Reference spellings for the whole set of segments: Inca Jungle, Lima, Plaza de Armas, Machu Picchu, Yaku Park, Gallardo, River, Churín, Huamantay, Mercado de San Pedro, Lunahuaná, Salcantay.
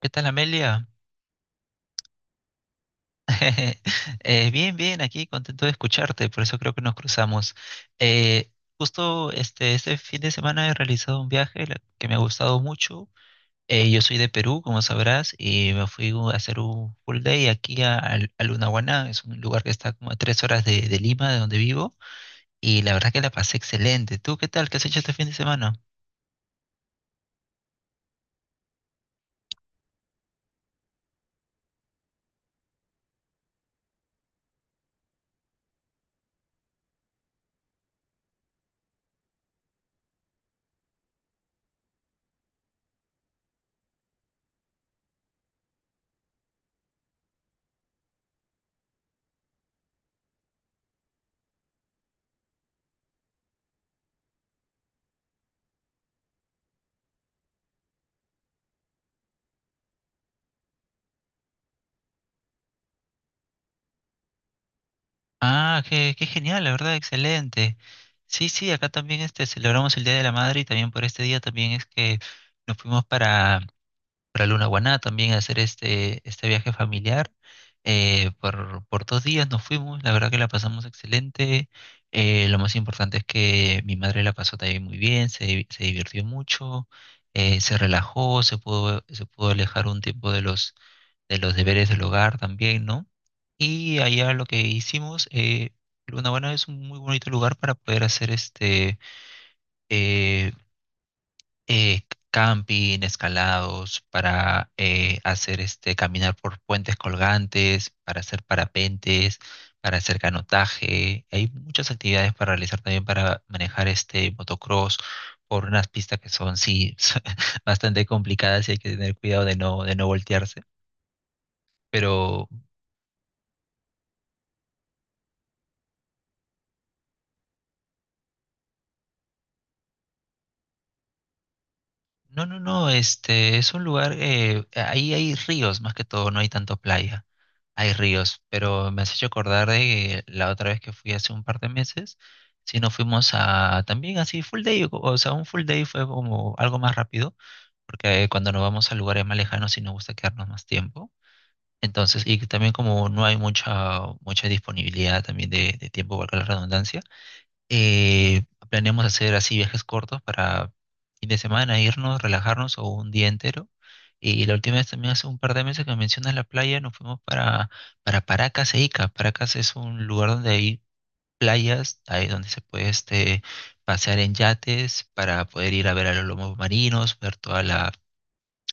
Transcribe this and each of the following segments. ¿Qué tal, Amelia? Bien, bien, aquí contento de escucharte, por eso creo que nos cruzamos. Eh, Justo este fin de semana he realizado un que me ha gustado mucho. Yo soy de Perú, como sabrás, y a hacer un full day aquí a Lunahuaná. Es un lugar que está como a tres horas de Lima, de donde vivo, y la verdad que la pasé excelente. ¿Tú qué tal? ¿Qué has hecho este fin de semana? Ah, qué genial, la verdad, excelente. Sí, sí, acá también celebramos el Día de la Madre, y también por este día también es que nos fuimos para Luna Guaná también a hacer este viaje familiar. Por dos días nos fuimos, la verdad que la pasamos excelente. Lo más importante es que mi madre la pasó también muy bien, se divirtió mucho, se relajó, se pudo alejar un tiempo de de los deberes del hogar también, ¿no? Y allá lo que hicimos, Luna Guaná es un muy bonito lugar para poder hacer eh, eh, camping, escalados, para hacer caminar por puentes colgantes, para hacer parapentes, para hacer canotaje. Hay muchas actividades para realizar, también para manejar este motocross por unas pistas que son, sí, bastante complicadas, y hay que tener cuidado de no voltearse. Pero no, no, no, este es un lugar, ahí hay ríos más que todo, no hay tanto playa, hay ríos, pero me has hecho acordar de la otra vez que fui hace un par de meses, si nos fuimos a también así full day. O sea, un full day fue como algo más rápido, porque cuando nos vamos a lugares más lejanos sí nos gusta quedarnos más tiempo, entonces, y también como no hay mucha disponibilidad también de tiempo, valga la redundancia. eh, Planeamos hacer así viajes cortos para fin de semana, irnos, relajarnos, o un día entero. Y la última vez también, hace un par de meses que mencionas la playa, nos fuimos para Paracas e Ica. Paracas es un lugar donde hay playas, ahí donde se puede pasear en yates para poder ir a ver a los lomos marinos, ver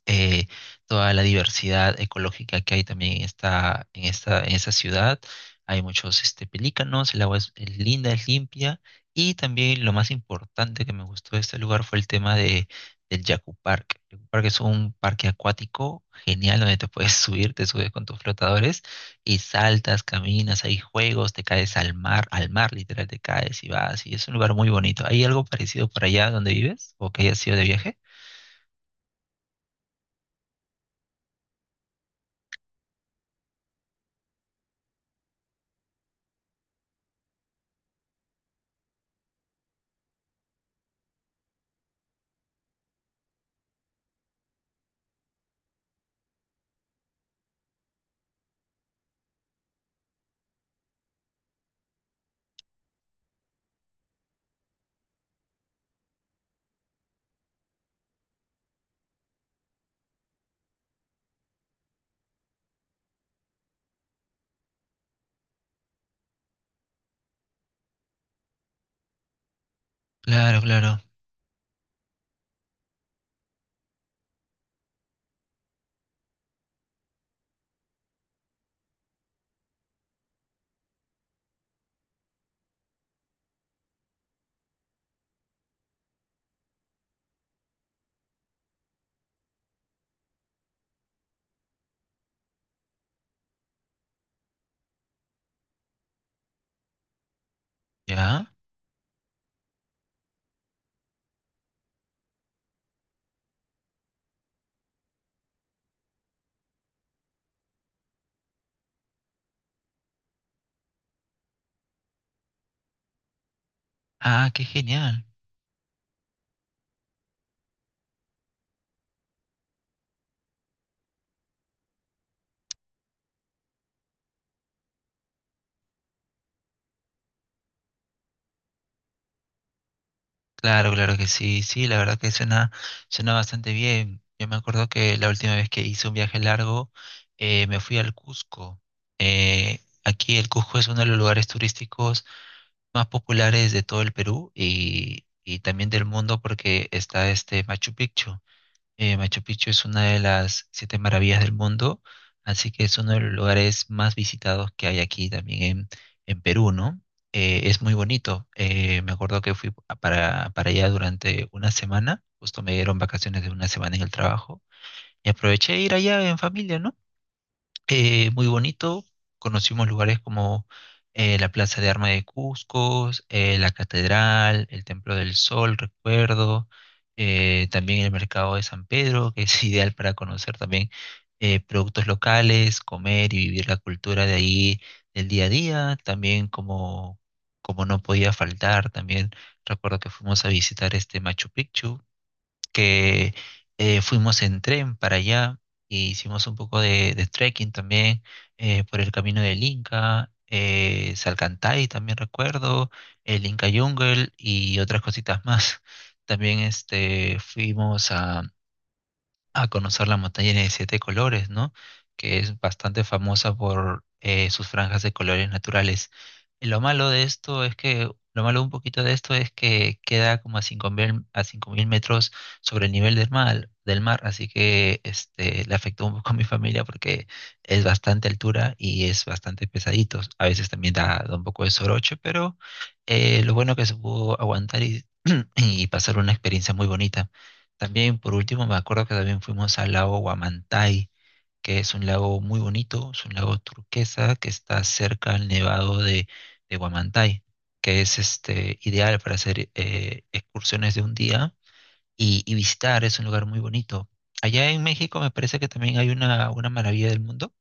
eh, toda la diversidad ecológica que hay también en en esta ciudad. Hay muchos pelícanos, el agua es linda, es limpia. Y también lo más importante que me gustó de este lugar fue el tema del Yaku Park. El Yaku Park es un parque acuático genial donde te puedes subir, te subes con tus flotadores y saltas, caminas, hay juegos, te caes al mar, al mar, literal, te caes y vas. Y es un lugar muy bonito. ¿Hay algo parecido por allá donde vives o que hayas ido de viaje? Claro, claro. ¿Ya? Ah, qué genial. Claro, claro que sí, sí, la verdad que suena, suena bastante bien. Yo me acuerdo que la última vez que hice un viaje largo, me fui al Cusco. Aquí el Cusco es uno de los lugares turísticos más populares de todo el Perú, y también del mundo, porque está este Machu Picchu. Machu Picchu es una de las siete maravillas del mundo, así que es uno de los lugares más visitados que hay aquí también en Perú, ¿no? Es muy bonito. Me acuerdo que para allá durante una semana, justo me dieron vacaciones de una semana en el trabajo, y aproveché de ir allá en familia, ¿no? Muy bonito. Conocimos lugares como la Plaza de Armas de Cusco, la Catedral, el Templo del Sol, recuerdo, también el Mercado de San Pedro, que es ideal para conocer también productos locales, comer y vivir la cultura de ahí del día a día. También como, como no podía faltar, también recuerdo que fuimos a visitar este Machu Picchu, que fuimos en tren para allá, e hicimos un poco de trekking también, por el camino del Inca, Salcantay también recuerdo, el Inca Jungle y otras cositas más. También fuimos a conocer la montaña de siete colores, ¿no? Que es bastante famosa por sus franjas de colores naturales. Y lo malo de esto es que, lo malo un poquito de esto, es que queda como a 5.000, a 5.000 metros sobre el nivel del mar, así que este, le afectó un poco a mi familia, porque es bastante altura y es bastante pesadito. A veces también da un poco de soroche, pero lo bueno que se pudo aguantar, y, y pasar una experiencia muy bonita. También, por último, me acuerdo que también fuimos al lago Huamantay, que es un lago muy bonito, es un lago turquesa que está cerca al nevado de Huamantay, que es este, ideal para hacer excursiones de un día, y visitar. Es un lugar muy bonito. Allá en México me parece que también hay una maravilla del mundo.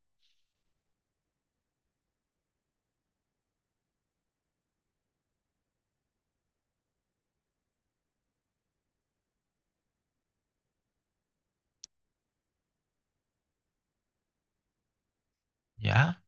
¿Ya?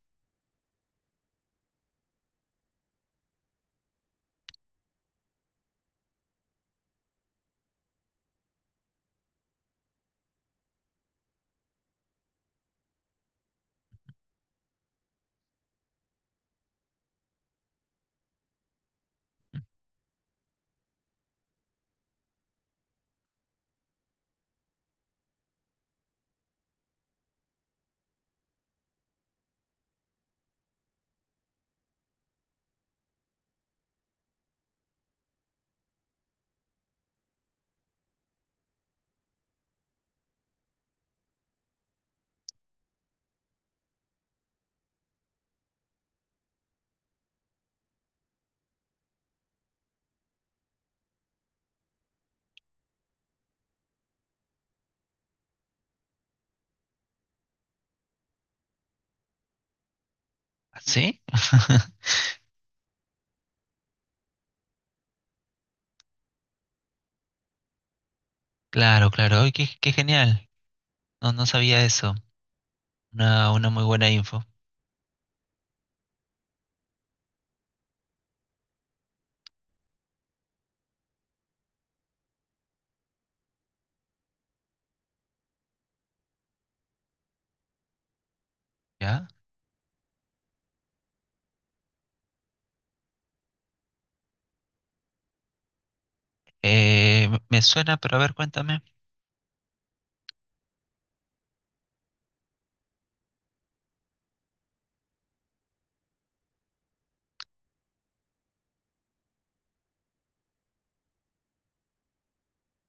¿Sí? Claro, claro. Ay, qué genial, no, no sabía eso, una muy buena info. ¿Ya? Me suena, pero a ver, cuéntame.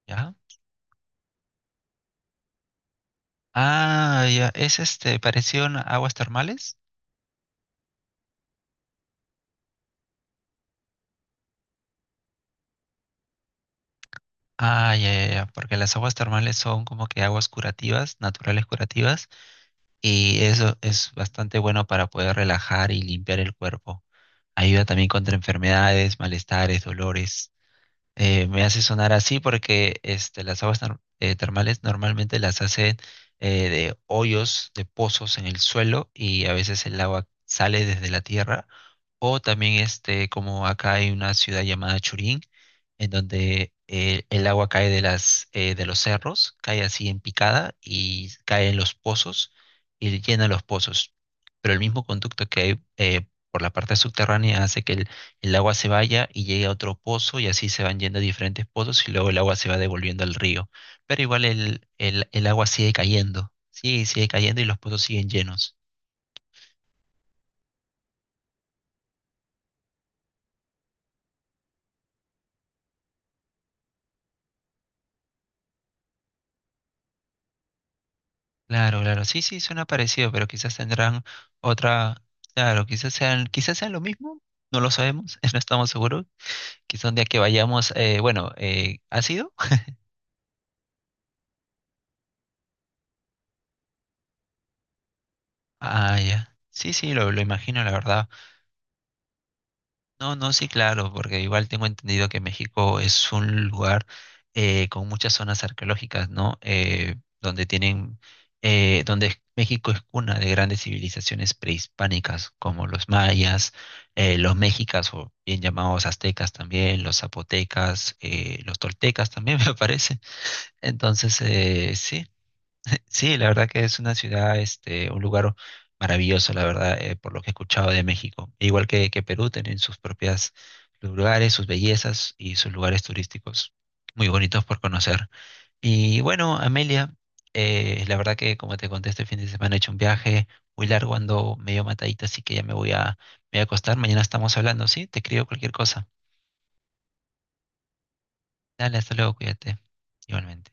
¿Ya? Ah, ya, es este, parecido a aguas termales. Ah, ya, ya, ya, porque las aguas termales son como que aguas curativas, naturales curativas, y eso es bastante bueno para poder relajar y limpiar el cuerpo. Ayuda también contra enfermedades, malestares, dolores. Me hace sonar así porque este, las aguas nor- termales normalmente las hacen de hoyos, de pozos en el suelo, y a veces el agua sale desde la tierra. O también este, como acá hay una ciudad llamada Churín, en donde el agua cae de de los cerros, cae así en picada y cae en los pozos, y llena los pozos. Pero el mismo conducto que hay por la parte subterránea hace que el agua se vaya y llegue a otro pozo, y así se van yendo a diferentes pozos, y luego el agua se va devolviendo al río. Pero igual el agua sigue cayendo, sigue cayendo, y los pozos siguen llenos. Claro, claro, sí, sí, suena parecido, pero quizás tendrán otra, claro, quizás sean lo mismo, no lo sabemos, no estamos seguros. Quizás un día que vayamos, bueno, ¿ha sido? Ah, ya. Sí, sí, lo imagino, la verdad. No, no, sí, claro, porque igual tengo entendido que México es un lugar con muchas zonas arqueológicas, ¿no? Donde tienen, México es cuna de grandes civilizaciones prehispánicas, como los mayas, los mexicas, o bien llamados aztecas también, los zapotecas, los toltecas también me parece. Entonces, sí, sí, la verdad que es una ciudad, este, un lugar maravilloso, la verdad, por lo que he escuchado de México. Igual que Perú, tienen sus propias lugares, sus bellezas y sus lugares turísticos muy bonitos por conocer. Y bueno, Amelia, la verdad que como te conté, este fin de semana he hecho un viaje muy largo, ando medio matadita, así que ya me voy a acostar. Mañana estamos hablando, ¿sí? Te escribo cualquier cosa. Dale, hasta luego, cuídate. Igualmente.